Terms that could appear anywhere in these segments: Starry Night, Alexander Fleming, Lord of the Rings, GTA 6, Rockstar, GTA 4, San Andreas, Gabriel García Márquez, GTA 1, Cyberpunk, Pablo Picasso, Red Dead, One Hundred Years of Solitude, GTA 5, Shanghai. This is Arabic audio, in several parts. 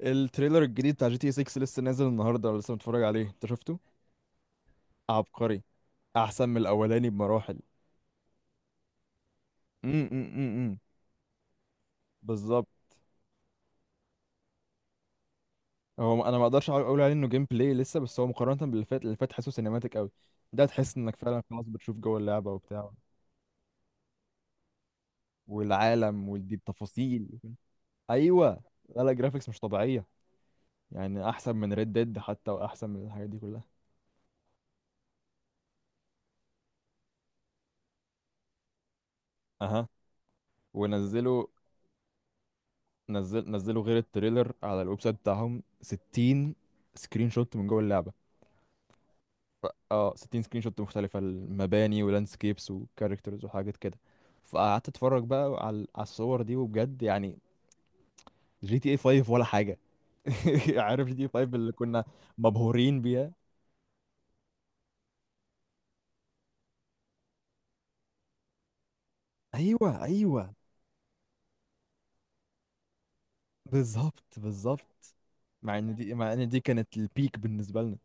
التريلر الجديد بتاع جي تي 6 لسه نازل النهارده، لسه متفرج عليه؟ انت شفته؟ عبقري. احسن من الاولاني بمراحل. امم امم بالظبط هو انا ما اقدرش اقول عليه انه جيم بلاي لسه، بس هو مقارنه باللي فات، اللي فات حاسه سينماتيك قوي. ده تحس انك فعلا خلاص بتشوف جوه اللعبه وبتاع والعالم ودي التفاصيل. ايوه. لا لا، جرافيكس مش طبيعيه. يعني احسن من ريد ديد حتى، واحسن من الحاجات دي كلها. اها. ونزلوا، نزل نزلوا غير التريلر على الويب سايت بتاعهم 60 سكرين شوت من جوه اللعبة. اه، 60 سكرين شوت مختلفة، المباني ولاندسكيبس وكاركترز وحاجات كده. فقعدت اتفرج بقى على الصور دي، وبجد يعني جي تي اي 5 ولا حاجة. عارف جي تي اي 5 اللي كنا مبهورين بيها؟ ايوه ايوه، بالظبط بالظبط. مع ان دي كانت البيك بالنسبة لنا.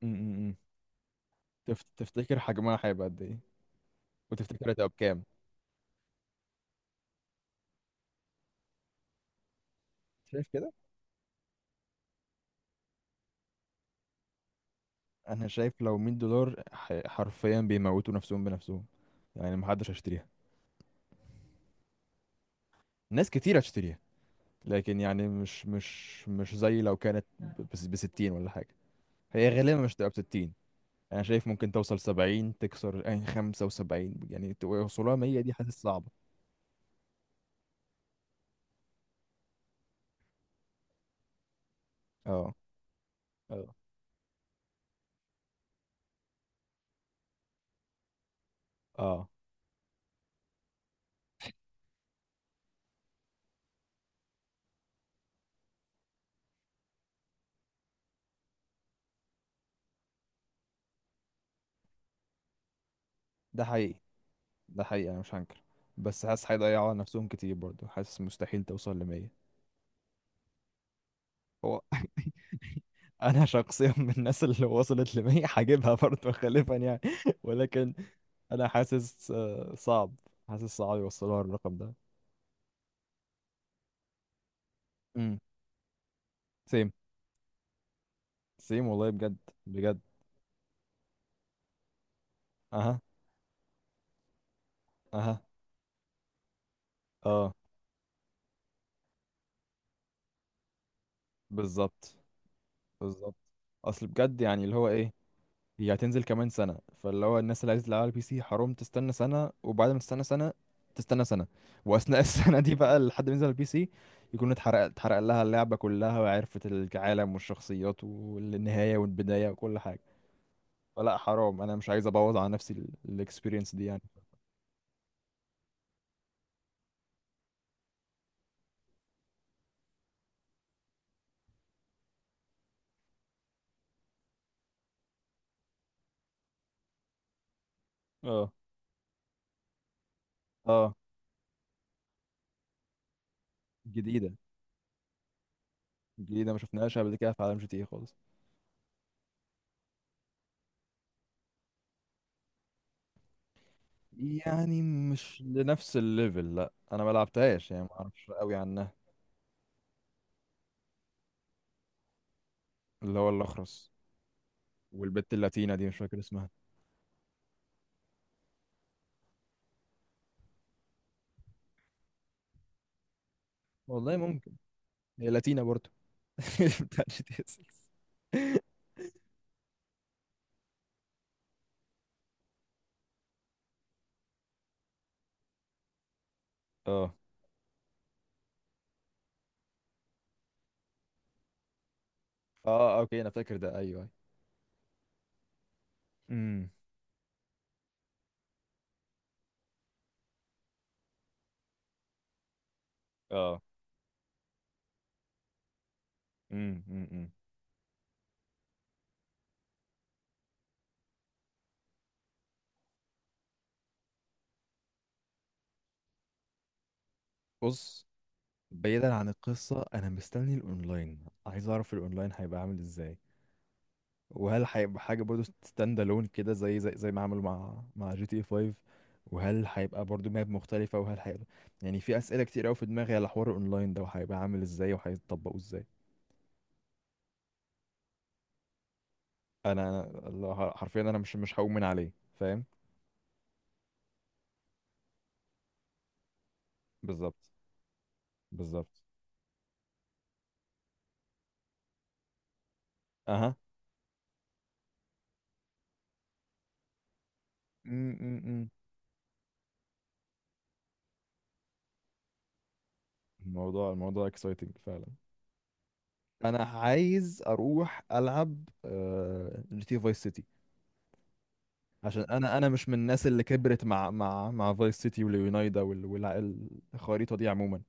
م- م- م. تفتكر حجمها هيبقى قد ايه؟ وتفتكر هتبقى بكام؟ شايف. انا شايف لو $100 حرفيا بيموتوا نفسهم بنفسهم. يعني محدش هيشتريها. ناس كتير هتشتريها، لكن يعني مش زي لو كانت ب 60 ولا حاجه. هي غالبا مش تبقى ب 60. انا شايف ممكن توصل 70، تكسر يعني 75، يعني توصلها 100 دي حاسس صعبه. اه اه اه. ده حقيقي. ده حقيقي، انا مش هنكر. بس حاسس هيضيعوا على نفسهم كتير برضه، حاسس مستحيل توصل ل 100. هو انا شخصيا من الناس اللي وصلت لمية هجيبها برضه خلفا يعني. ولكن انا حاسس، صعب. حاسس صعب يوصلوها الرقم ده. امم. سيم. سيم والله بجد. بجد. اها. اها. اه. بالظبط بالظبط. اصل بجد يعني اللي هو ايه، هي هتنزل كمان سنة، فاللي هو الناس اللي عايزة تلعبها على البي سي حرام، تستنى سنة، وبعد ما تستنى سنة تستنى سنة، وأثناء السنة دي بقى لحد ما ينزل على البي سي يكون اتحرق، اتحرق لها اللعبة كلها، وعرفت العالم والشخصيات والنهاية والبداية وكل حاجة. فلا حرام، أنا مش عايز أبوظ على نفسي الإكسبيرينس دي يعني. اه. اه. جديدة. جديدة، ما شفناهاش قبل كده في عالم جي تي اي خالص. يعني مش لنفس الليفل، لا أنا ما لعبتهاش يعني، ما أعرفش قوي عنها. اللي هو الأخرس والبت اللاتينة دي مش فاكر اسمها. والله ممكن. هي لاتينا برضو بتاع جي تي اس ستة. اه. اه اوكي، انا فاكر ده، ايوه. امم. اه. أمم. بص، بعيدا عن القصة أنا مستني الأونلاين، عايز أعرف الأونلاين هيبقى عامل إزاي، وهل هيبقى حاجة برضو ستاند ألون كده زي ما عملوا مع جي تي 5، وهل هيبقى برضو ماب مختلفة، وهل هيبقى يعني في أسئلة كتير أوي في دماغي على حوار الأونلاين ده، وهيبقى عامل إزاي وهيطبقوه إزاي. حرفيا أنا مش هؤمن عليه. فاهم. بالظبط بالظبط. اها. م- م- م. الموضوع اكسايتنج فعلا. انا عايز اروح العب، جي تي فايس سيتي. عشان انا مش من الناس اللي كبرت مع فايس سيتي واليونايدا الخريطه دي عموما.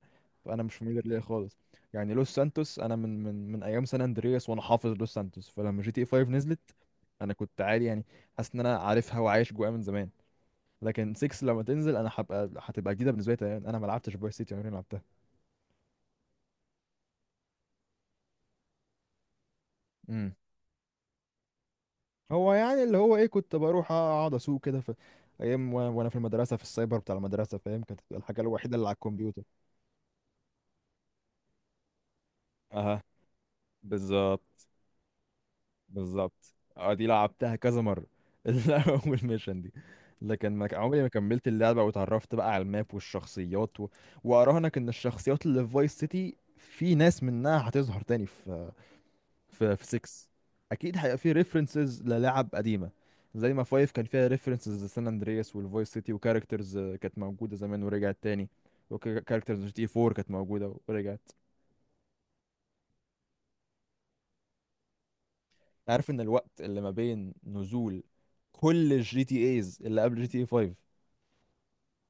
فانا مش فاميليار ليها خالص. يعني لوس سانتوس انا من ايام سان اندرياس، وانا حافظ لوس سانتوس، فلما جي تي 5 نزلت انا كنت عادي يعني. حاسس ان انا عارفها وعايش جواها من زمان. لكن 6 لما تنزل انا هتبقى جديده بالنسبه لي تماماً. انا ما لعبتش فايس سيتي، عمري ما لعبتها. هو يعني اللي هو ايه، كنت بروح اقعد اسوق كده في ايام، وانا في المدرسه في السايبر بتاع المدرسه، فاهم كانت بتبقى الحاجه الوحيده اللي على الكمبيوتر. اها. بالظبط بالظبط. اه، دي لعبتها كذا مرة، اول ميشن دي. لكن ما عمري ما كملت اللعبة، واتعرفت بقى على الماب والشخصيات و... واراهنك ان الشخصيات اللي في فايس سيتي في ناس منها هتظهر تاني في في 6. اكيد هيبقى فيه ريفرنسز للاعب قديمه، زي ما 5 كان فيها ريفرنسز لسان اندرياس والفويس سيتي، وكاركترز كانت موجوده زمان ورجعت تاني. وكاركترز جي تي 4 كانت موجوده ورجعت. عارف ان الوقت اللي ما بين نزول كل الجي تي ايز اللي قبل جي تي اي 5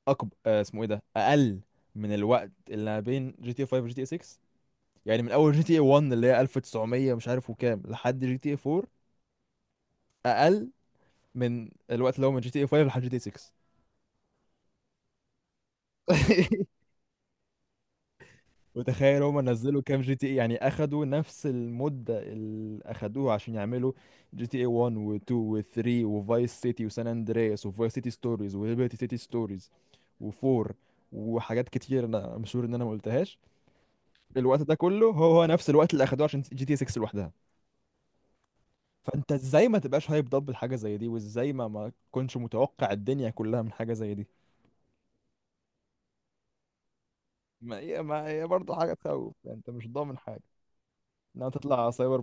اكبر، اسمه ايه ده، اقل من الوقت اللي ما بين جي تي اي 5 وجي تي اي 6. يعني من اول جي تي اي 1 اللي هي 1900 مش عارف وكام لحد جي تي اي 4 اقل من الوقت اللي هو من جي تي اي 5 لحد جي تي اي 6. وتخيل هما نزلوا كام جي تي اي، يعني اخدوا نفس المدة اللي اخدوها عشان يعملوا جي تي اي 1 و2 و3 وفايس سيتي وسان اندرياس وفايس سيتي ستوريز وليبرتي سيتي ستوريز و4 وحاجات كتير انا مشهور ان انا ما قلتهاش. الوقت ده كله هو هو نفس الوقت اللي اخدوه عشان جي تي 6 لوحدها. فانت ازاي ما تبقاش هايب ضب الحاجه زي دي، وازاي ما تكونش متوقع الدنيا كلها من حاجه زي دي. ما هي برضه حاجه تخوف يعني، انت مش ضامن حاجه انها تطلع سايبر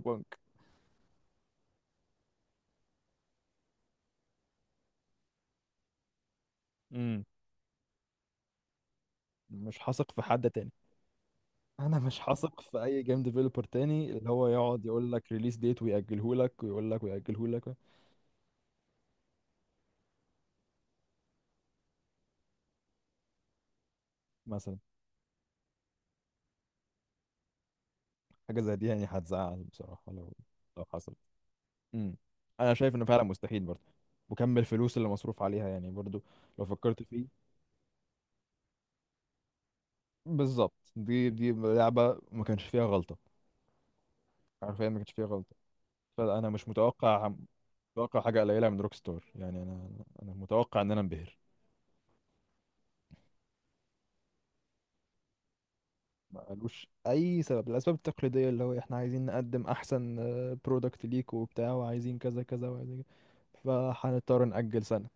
بانك. مش هثق في حد تاني. انا مش هثق في اي جيم ديفلوبر تاني اللي هو يقعد يقول لك ريليس ديت ويأجله لك، ويقول لك ويأجله لك. مثلا حاجه زي دي يعني هتزعل بصراحه لو حصلت. امم. انا شايف انه فعلا مستحيل برضه، وكم الفلوس اللي مصروف عليها يعني برضه لو فكرت فيه. بالظبط، دي لعبه ما كانش فيها غلطه. حرفيا ما كانش فيها غلطه. فانا مش متوقع. متوقع حاجه قليله من روك ستار، يعني انا متوقع ان انا انبهر. ملوش اي سبب، الاسباب التقليديه اللي هو احنا عايزين نقدم احسن برودكت ليك وبتاع، وعايزين كذا كذا وعايزين كذا، فهنضطر نأجل سنه.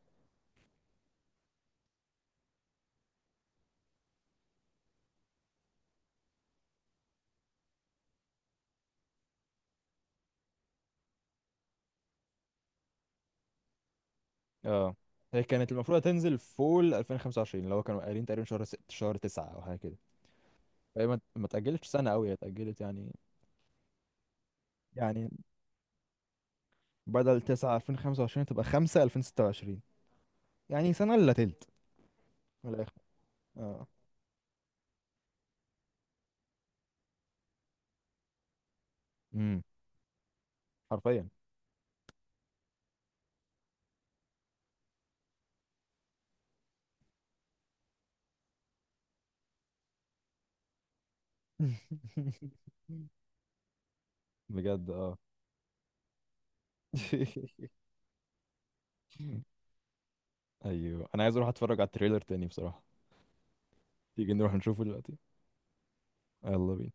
اه. هي كانت المفروض هتنزل فول 2025، اللي هو كانوا قايلين تقريبا شهر ست شهر تسعة او حاجه كده. فهي ما اتأجلتش سنه قوي، هي اتأجلت يعني. يعني بدل 9 2025 تبقى 5 2026، يعني سنه الا تلت من الاخر. اه. امم. حرفيا. بجد اه. ايوه انا عايز اروح اتفرج على التريلر تاني بصراحة. تيجي نروح نشوفه دلوقتي؟ يلا بينا.